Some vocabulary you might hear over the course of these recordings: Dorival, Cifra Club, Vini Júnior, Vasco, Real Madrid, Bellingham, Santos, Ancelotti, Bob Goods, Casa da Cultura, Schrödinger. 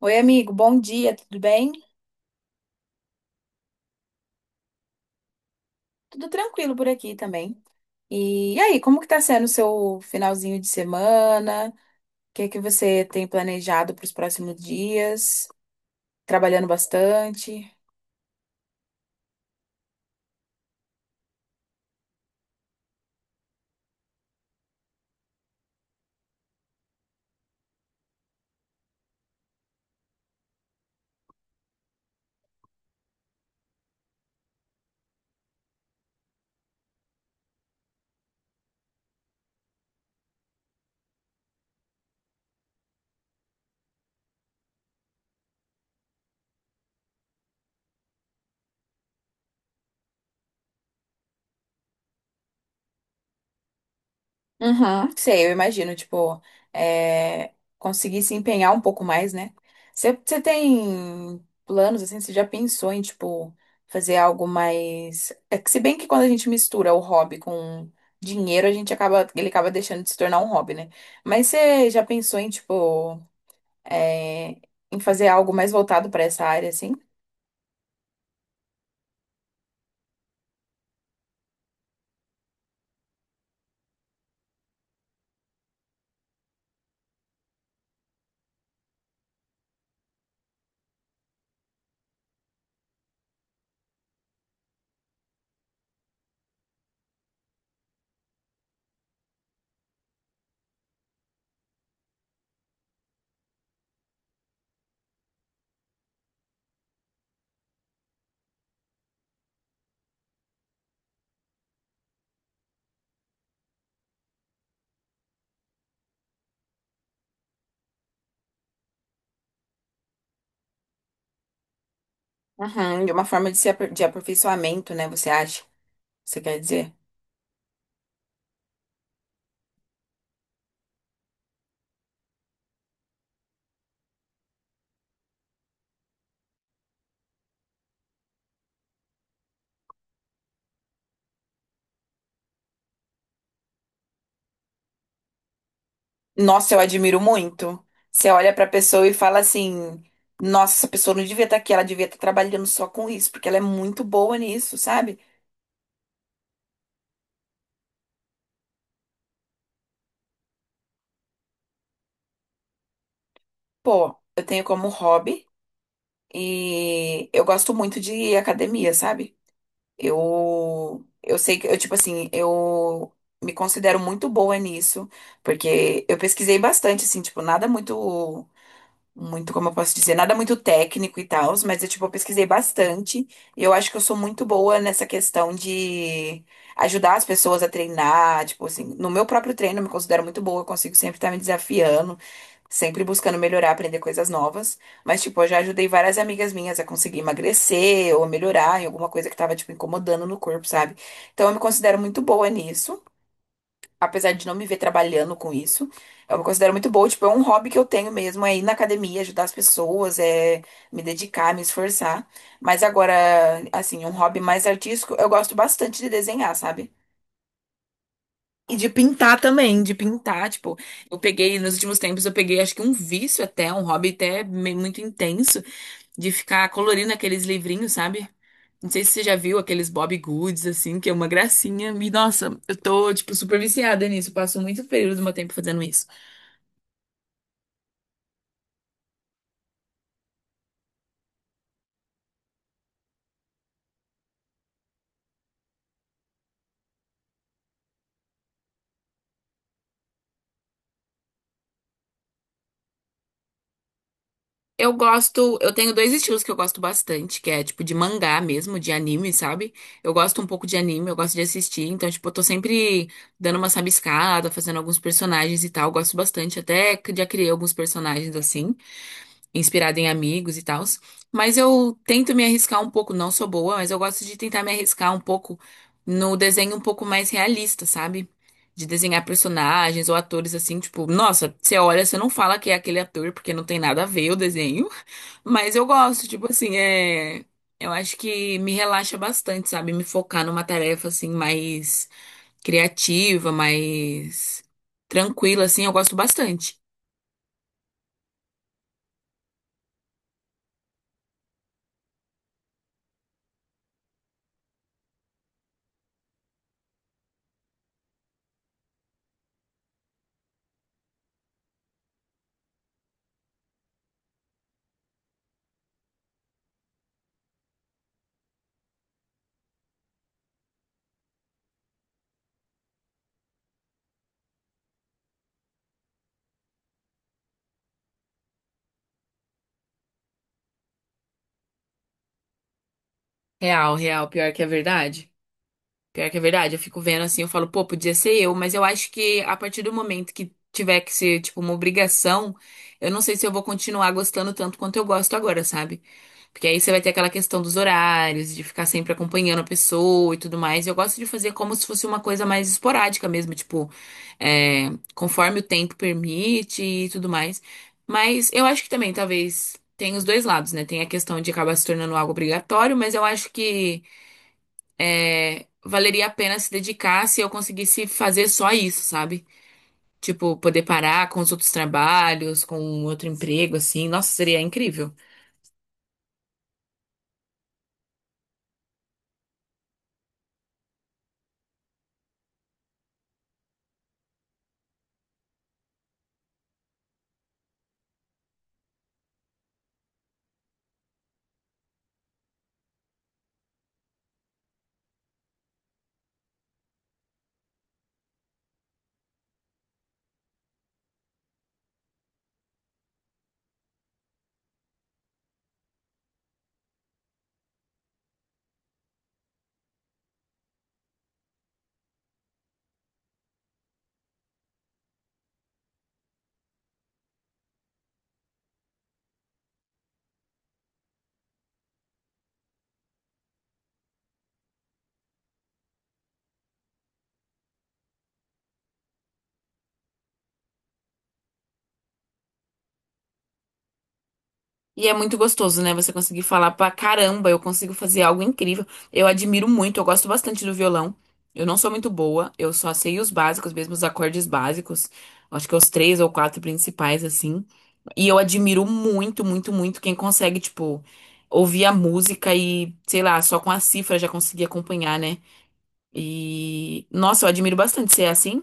Oi, amigo, bom dia, tudo bem? Tudo tranquilo por aqui também. E aí, como que tá sendo o seu finalzinho de semana? O que é que você tem planejado para os próximos dias? Trabalhando bastante? Uhum, sei, eu imagino, tipo, conseguir se empenhar um pouco mais, né? Você tem planos, assim, você já pensou em, tipo, fazer algo mais... É que se bem que quando a gente mistura o hobby com dinheiro, a gente acaba, ele acaba deixando de se tornar um hobby, né? Mas você já pensou em, tipo, é, em fazer algo mais voltado para essa área, assim? Uhum, de uma forma de, se apr- de aperfeiçoamento, né, você acha? Você quer dizer? Nossa, eu admiro muito. Você olha pra pessoa e fala assim: nossa, essa pessoa não devia estar aqui, ela devia estar trabalhando só com isso, porque ela é muito boa nisso, sabe? Pô, eu tenho como hobby e eu gosto muito de academia, sabe? Eu sei que, eu, tipo assim, eu me considero muito boa nisso, porque eu pesquisei bastante, assim, tipo, nada muito. Muito, como eu posso dizer, nada muito técnico e tal, mas eu, tipo, eu pesquisei bastante e eu acho que eu sou muito boa nessa questão de ajudar as pessoas a treinar, tipo assim, no meu próprio treino eu me considero muito boa, eu consigo sempre estar me desafiando, sempre buscando melhorar, aprender coisas novas, mas, tipo, eu já ajudei várias amigas minhas a conseguir emagrecer ou melhorar em alguma coisa que tava, tipo, incomodando no corpo, sabe? Então eu me considero muito boa nisso apesar de não me ver trabalhando com isso, eu me considero muito boa. Tipo, é um hobby que eu tenho mesmo, é ir na academia, ajudar as pessoas, é me dedicar, me esforçar. Mas agora, assim, um hobby mais artístico, eu gosto bastante de desenhar, sabe? E de pintar também, de pintar, tipo, eu peguei, nos últimos tempos, eu peguei acho que um vício até, um hobby muito intenso, de ficar colorindo aqueles livrinhos, sabe? Não sei se você já viu aqueles Bob Goods, assim, que é uma gracinha. E, nossa, eu tô, tipo, super viciada nisso. Eu passo muito período do meu tempo fazendo isso. Eu gosto, eu tenho dois estilos que eu gosto bastante, que é, tipo, de mangá mesmo, de anime, sabe? Eu gosto um pouco de anime, eu gosto de assistir. Então, tipo, eu tô sempre dando uma sabiscada, fazendo alguns personagens e tal. Eu gosto bastante, até que já criei alguns personagens, assim, inspirada em amigos e tal. Mas eu tento me arriscar um pouco, não sou boa, mas eu gosto de tentar me arriscar um pouco no desenho um pouco mais realista, sabe? De desenhar personagens ou atores assim, tipo, nossa, você olha, você não fala que é aquele ator porque não tem nada a ver o desenho, mas eu gosto, tipo assim, eu acho que me relaxa bastante, sabe? Me focar numa tarefa assim mais criativa, mais tranquila assim, eu gosto bastante. Real, real, pior que é verdade. Pior que é verdade, eu fico vendo assim, eu falo, pô, podia ser eu, mas eu acho que a partir do momento que tiver que ser, tipo, uma obrigação, eu não sei se eu vou continuar gostando tanto quanto eu gosto agora, sabe? Porque aí você vai ter aquela questão dos horários, de ficar sempre acompanhando a pessoa e tudo mais. Eu gosto de fazer como se fosse uma coisa mais esporádica mesmo, tipo, conforme o tempo permite e tudo mais. Mas eu acho que também, talvez, tem os dois lados, né? Tem a questão de acabar se tornando algo obrigatório, mas eu acho que. É, valeria a pena se dedicar se eu conseguisse fazer só isso, sabe? Tipo, poder parar com os outros trabalhos, com outro emprego, assim. Nossa, seria incrível. E é muito gostoso, né? Você conseguir falar pra caramba, eu consigo fazer algo incrível. Eu admiro muito, eu gosto bastante do violão. Eu não sou muito boa, eu só sei os básicos, mesmo os acordes básicos. Acho que os três ou quatro principais, assim. E eu admiro muito, muito, muito quem consegue, tipo, ouvir a música e, sei lá, só com a cifra já conseguir acompanhar, né? E, nossa, eu admiro bastante ser assim.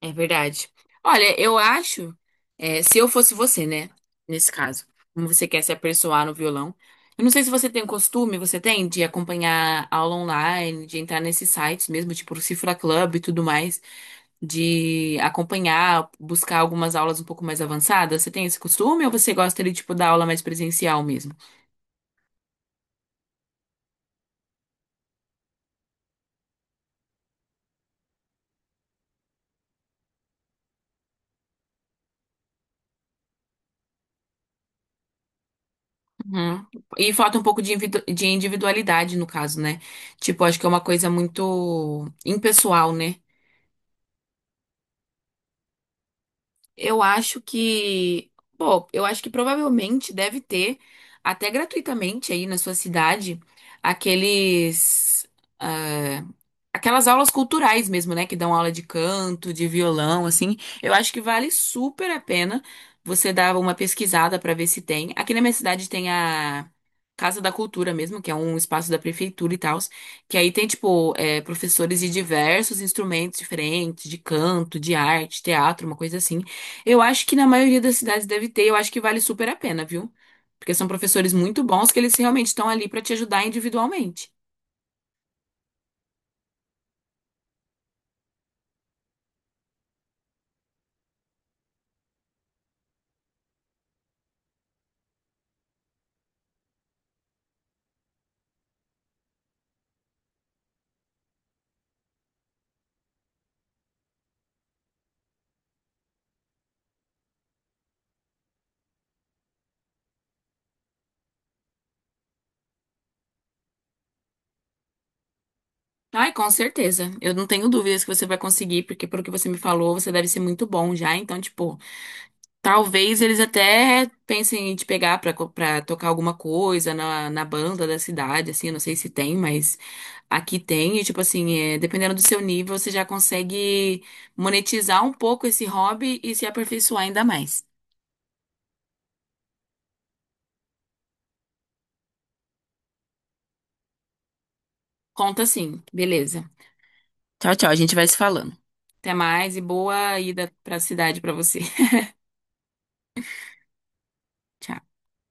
É verdade. Olha, eu acho, se eu fosse você, né? Nesse caso, como você quer se aperfeiçoar no violão. Eu não sei se você tem o costume, você tem, de acompanhar aula online, de entrar nesses sites mesmo, tipo o Cifra Club e tudo mais, de acompanhar, buscar algumas aulas um pouco mais avançadas. Você tem esse costume ou você gosta de, tipo, da aula mais presencial mesmo? Uhum. E falta um pouco de de individualidade no caso, né? Tipo, acho que é uma coisa muito impessoal, né? Eu acho que, pô, eu acho que provavelmente deve ter, até gratuitamente aí na sua cidade, aqueles, ah, aquelas aulas culturais mesmo, né? Que dão aula de canto, de violão, assim. Eu acho que vale super a pena você dar uma pesquisada para ver se tem. Aqui na minha cidade tem a Casa da Cultura mesmo, que é um espaço da prefeitura e tal, que aí tem, tipo, professores de diversos instrumentos diferentes, de canto, de arte, teatro, uma coisa assim. Eu acho que na maioria das cidades deve ter, eu acho que vale super a pena, viu? Porque são professores muito bons que eles realmente estão ali para te ajudar individualmente. Ai, com certeza. Eu não tenho dúvidas que você vai conseguir, porque pelo que você me falou, você deve ser muito bom já. Então, tipo, talvez eles até pensem em te pegar pra, pra tocar alguma coisa na, na banda da cidade, assim, eu não sei se tem, mas aqui tem. E, tipo assim, dependendo do seu nível, você já consegue monetizar um pouco esse hobby e se aperfeiçoar ainda mais. Conta sim, beleza. Tchau, tchau. A gente vai se falando. Até mais e boa ida pra cidade pra você. Tchau.